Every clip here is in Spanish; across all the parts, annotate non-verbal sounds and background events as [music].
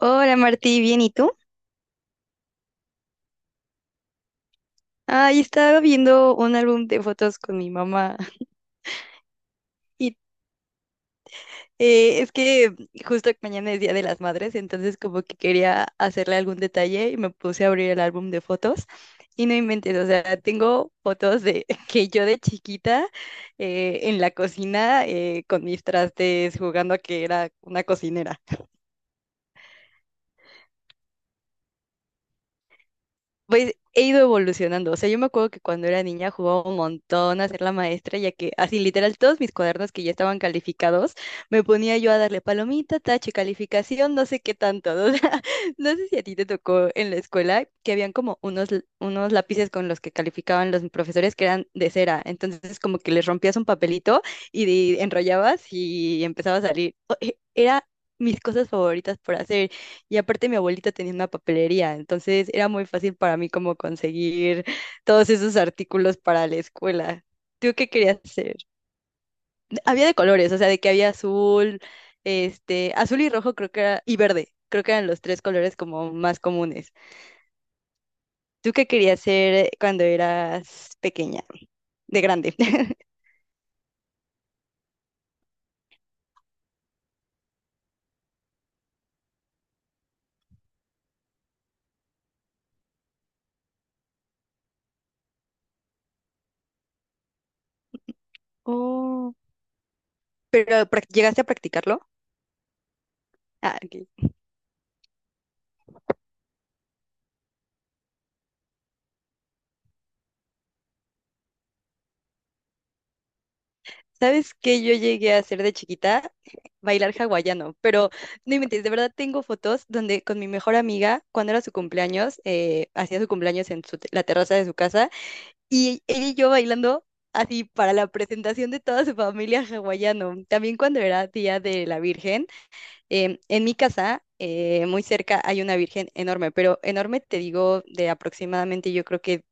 Hola Martí, ¿bien y tú? Ay, estaba viendo un álbum de fotos con mi mamá [laughs] y es que justo mañana es Día de las Madres, entonces como que quería hacerle algún detalle y me puse a abrir el álbum de fotos y no inventes, o sea, tengo fotos de [laughs] que yo de chiquita en la cocina con mis trastes jugando a que era una cocinera. Pues he ido evolucionando. O sea, yo me acuerdo que cuando era niña jugaba un montón a ser la maestra, ya que así literal todos mis cuadernos que ya estaban calificados, me ponía yo a darle palomita, tache, calificación, no sé qué tanto. [laughs] O sea, no sé si a ti te tocó en la escuela que habían como unos, unos lápices con los que calificaban los profesores que eran de cera. Entonces, como que les rompías un papelito y enrollabas y empezaba a salir. Era mis cosas favoritas por hacer. Y aparte mi abuelita tenía una papelería, entonces era muy fácil para mí como conseguir todos esos artículos para la escuela. ¿Tú qué querías hacer? Había de colores, o sea, de que había azul, este, azul y rojo creo que era, y verde, creo que eran los tres colores como más comunes. ¿Tú qué querías hacer cuando eras pequeña, de grande? [laughs] Oh, pero ¿llegaste a practicarlo? Ah, ok. ¿Sabes qué yo llegué a hacer de chiquita? Bailar hawaiano, pero no inventes, de verdad tengo fotos donde con mi mejor amiga, cuando era su cumpleaños, hacía su cumpleaños en la terraza de su casa, y ella y yo bailando así para la presentación de toda su familia hawaiano. También cuando era Día de la Virgen, en mi casa, muy cerca, hay una virgen enorme, pero enorme te digo de aproximadamente, yo creo que,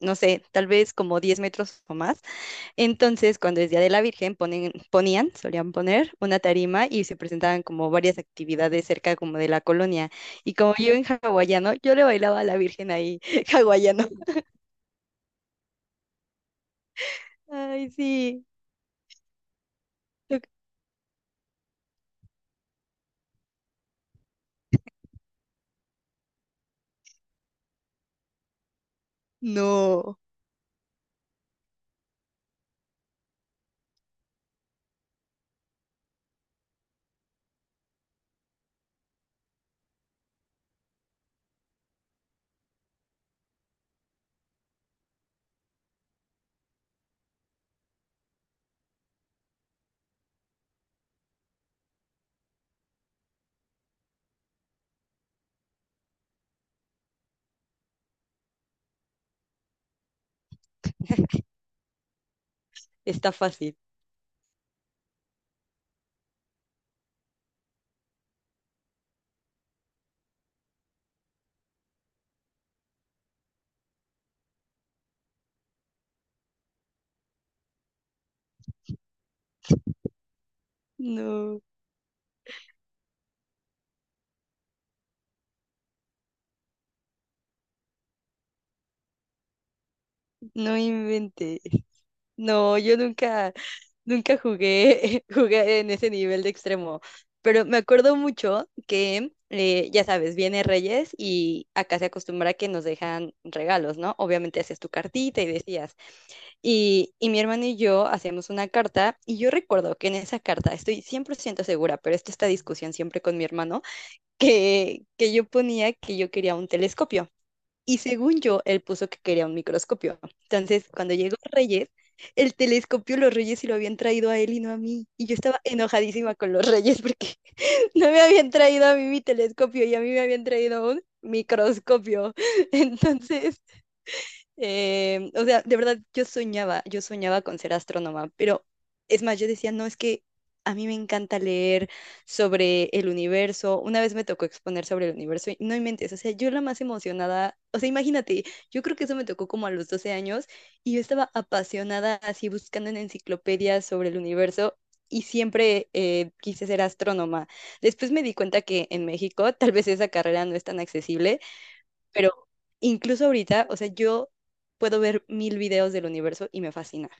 no sé, tal vez como 10 metros o más. Entonces, cuando es Día de la Virgen, ponen, ponían, solían poner una tarima y se presentaban como varias actividades cerca como de la colonia. Y como yo en hawaiano, yo le bailaba a la Virgen ahí, [laughs] hawaiano. Ay, sí. No, [laughs] está fácil. No, no inventes. No, yo nunca. Nunca jugué, [laughs] jugué en ese nivel de extremo, pero me acuerdo mucho que, ya sabes, viene Reyes y acá se acostumbra que nos dejan regalos, ¿no? Obviamente hacías tu cartita y decías. Y mi hermano y yo hacíamos una carta y yo recuerdo que en esa carta, estoy 100% segura, pero esto esta discusión siempre con mi hermano, que yo ponía que yo quería un telescopio. Y según yo, él puso que quería un microscopio. Entonces, cuando llegó Reyes, el telescopio los Reyes se lo habían traído a él y no a mí. Y yo estaba enojadísima con los Reyes porque [laughs] no me habían traído a mí mi telescopio y a mí me habían traído un microscopio. [laughs] Entonces, o sea, de verdad, yo soñaba con ser astrónoma, pero es más, yo decía, no, es que a mí me encanta leer sobre el universo. Una vez me tocó exponer sobre el universo y no inventes, o sea, yo la más emocionada, o sea, imagínate, yo creo que eso me tocó como a los 12 años y yo estaba apasionada así buscando en enciclopedias sobre el universo. Y siempre quise ser astrónoma. Después me di cuenta que en México tal vez esa carrera no es tan accesible, pero incluso ahorita, o sea, yo puedo ver mil videos del universo y me fascina.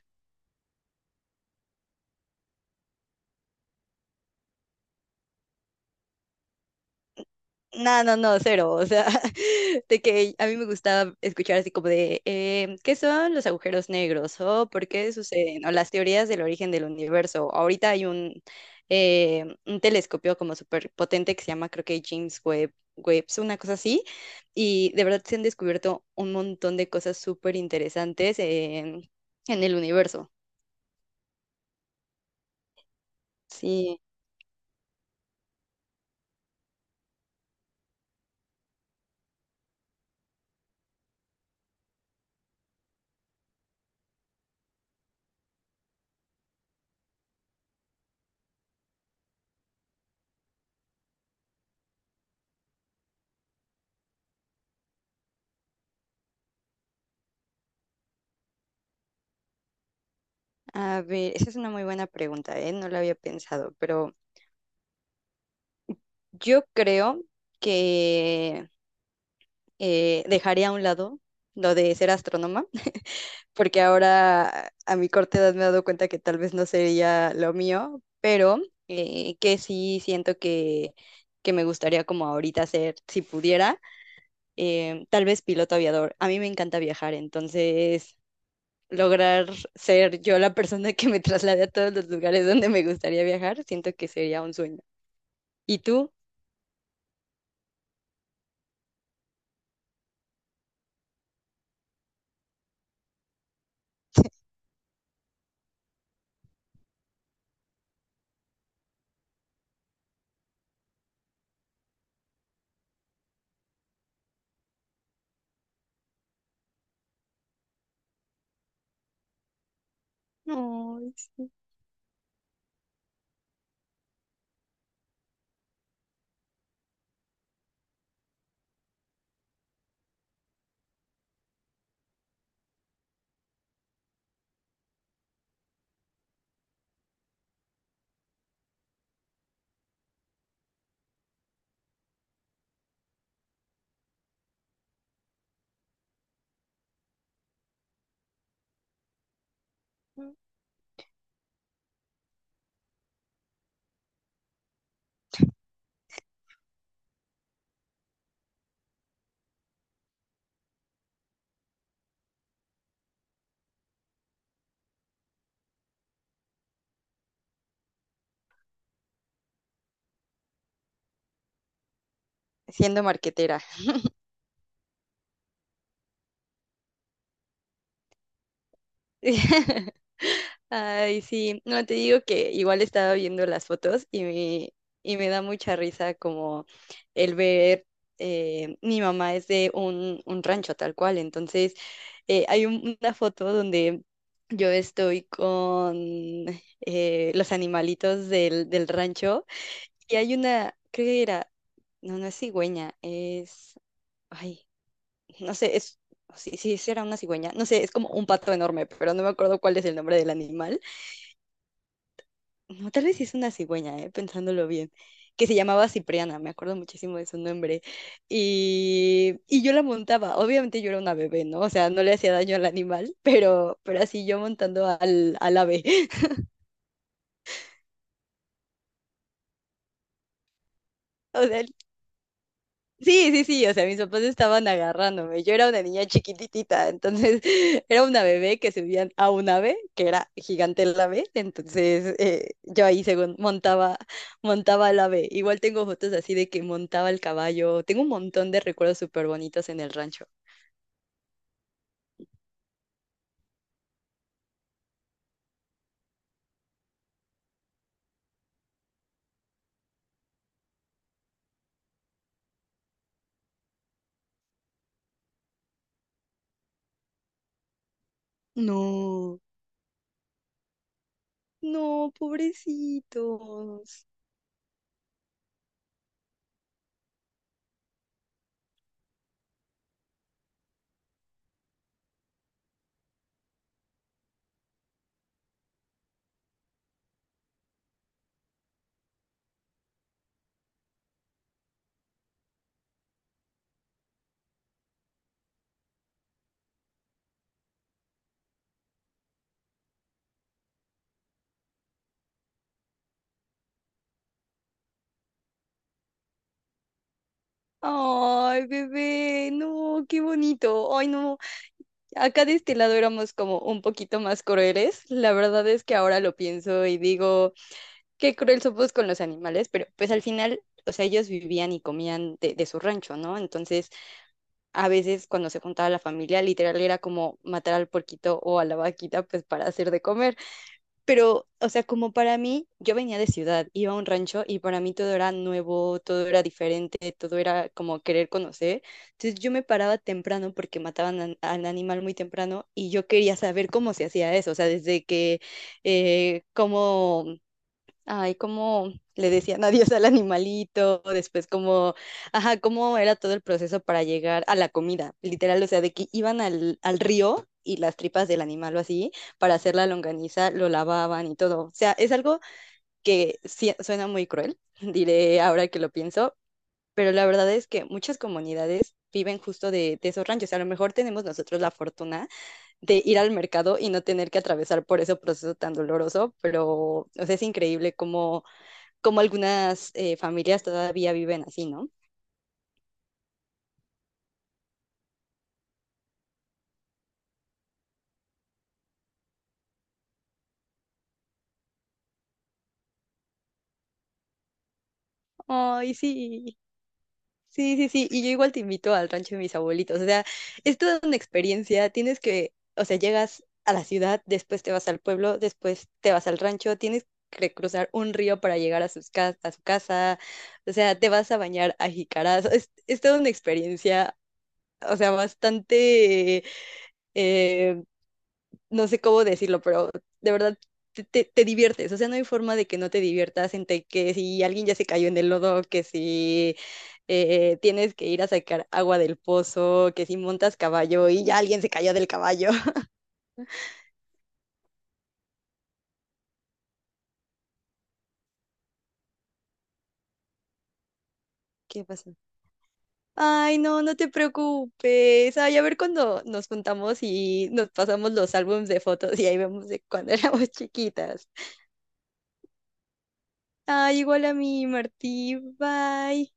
No, no, no, cero. O sea, [laughs] de que a mí me gustaba escuchar así como de, ¿qué son los agujeros negros? ¿O por qué suceden? O las teorías del origen del universo. Ahorita hay un telescopio como súper potente que se llama, creo que James Webb, Webb, una cosa así. Y de verdad se han descubierto un montón de cosas súper interesantes en el universo. Sí, a ver, esa es una muy buena pregunta, ¿eh? No la había pensado, pero yo creo que dejaría a un lado lo de ser astrónoma, [laughs] porque ahora a mi corta edad me he dado cuenta que tal vez no sería lo mío, pero que sí siento que me gustaría como ahorita ser, si pudiera, tal vez piloto aviador. A mí me encanta viajar, entonces lograr ser yo la persona que me traslade a todos los lugares donde me gustaría viajar, siento que sería un sueño. ¿Y tú? Ay, sí. ¿Siendo marquetera? [laughs] Ay, sí, no te digo que igual estaba viendo las fotos y me da mucha risa como el ver, mi mamá es de un rancho tal cual, entonces hay una foto donde yo estoy con los animalitos del, del rancho y hay una, creo que era, no, no es cigüeña, es... Ay, no sé, es, si, si era una cigüeña, no sé, es como un pato enorme, pero no me acuerdo cuál es el nombre del animal. No, tal vez sí es una cigüeña, pensándolo bien, que se llamaba Cipriana, me acuerdo muchísimo de su nombre. Y yo la montaba, obviamente yo era una bebé, ¿no? O sea, no le hacía daño al animal, pero así yo montando al, al ave. [laughs] O sea, sí, sí, sí, o sea, mis papás estaban agarrándome. Yo era una niña chiquititita, entonces [laughs] era una bebé que subían a un ave, que era gigante el ave, entonces yo ahí según montaba, montaba el ave. Igual tengo fotos así de que montaba el caballo. Tengo un montón de recuerdos súper bonitos en el rancho. No, no, pobrecitos. Ay, bebé, no, qué bonito. Ay, no. A cada destilado éramos como un poquito más crueles. La verdad es que ahora lo pienso y digo, qué cruel somos con los animales, pero pues al final, o sea, ellos vivían y comían de su rancho, ¿no? Entonces, a veces cuando se juntaba la familia, literal era como matar al porquito o a la vaquita, pues para hacer de comer. Pero, o sea, como para mí, yo venía de ciudad, iba a un rancho y para mí todo era nuevo, todo era diferente, todo era como querer conocer. Entonces yo me paraba temprano porque mataban al animal muy temprano y yo quería saber cómo se hacía eso, o sea, desde que, cómo, ay, cómo le decían adiós al animalito, después cómo, ajá, cómo era todo el proceso para llegar a la comida, literal, o sea, de que iban al, al río y las tripas del animal o así, para hacer la longaniza, lo lavaban y todo. O sea, es algo que sí suena muy cruel, [laughs] diré ahora que lo pienso, pero la verdad es que muchas comunidades viven justo de esos ranchos. A lo mejor tenemos nosotros la fortuna de ir al mercado y no tener que atravesar por ese proceso tan doloroso, pero, o sea, es increíble cómo como algunas familias todavía viven así, ¿no? Ay, sí, sí, sí, sí. Y yo igual te invito al rancho de mis abuelitos. O sea, es toda una experiencia. Tienes que, o sea, llegas a la ciudad, después te vas al pueblo, después te vas al rancho, tienes que cruzar un río para llegar a, a su casa. O sea, te vas a bañar a jicaras. Es toda una experiencia. O sea, bastante eh, no sé cómo decirlo, pero de verdad te, te diviertes. O sea, no hay forma de que no te diviertas entre que si alguien ya se cayó en el lodo, que si tienes que ir a sacar agua del pozo, que si montas caballo y ya alguien se cayó del caballo. [laughs] ¿Qué pasó? Ay, no, no te preocupes. Ay, a ver cuando nos juntamos y nos pasamos los álbumes de fotos y ahí vemos de cuando [laughs] éramos chiquitas. Ay, igual a mí, Martí. Bye.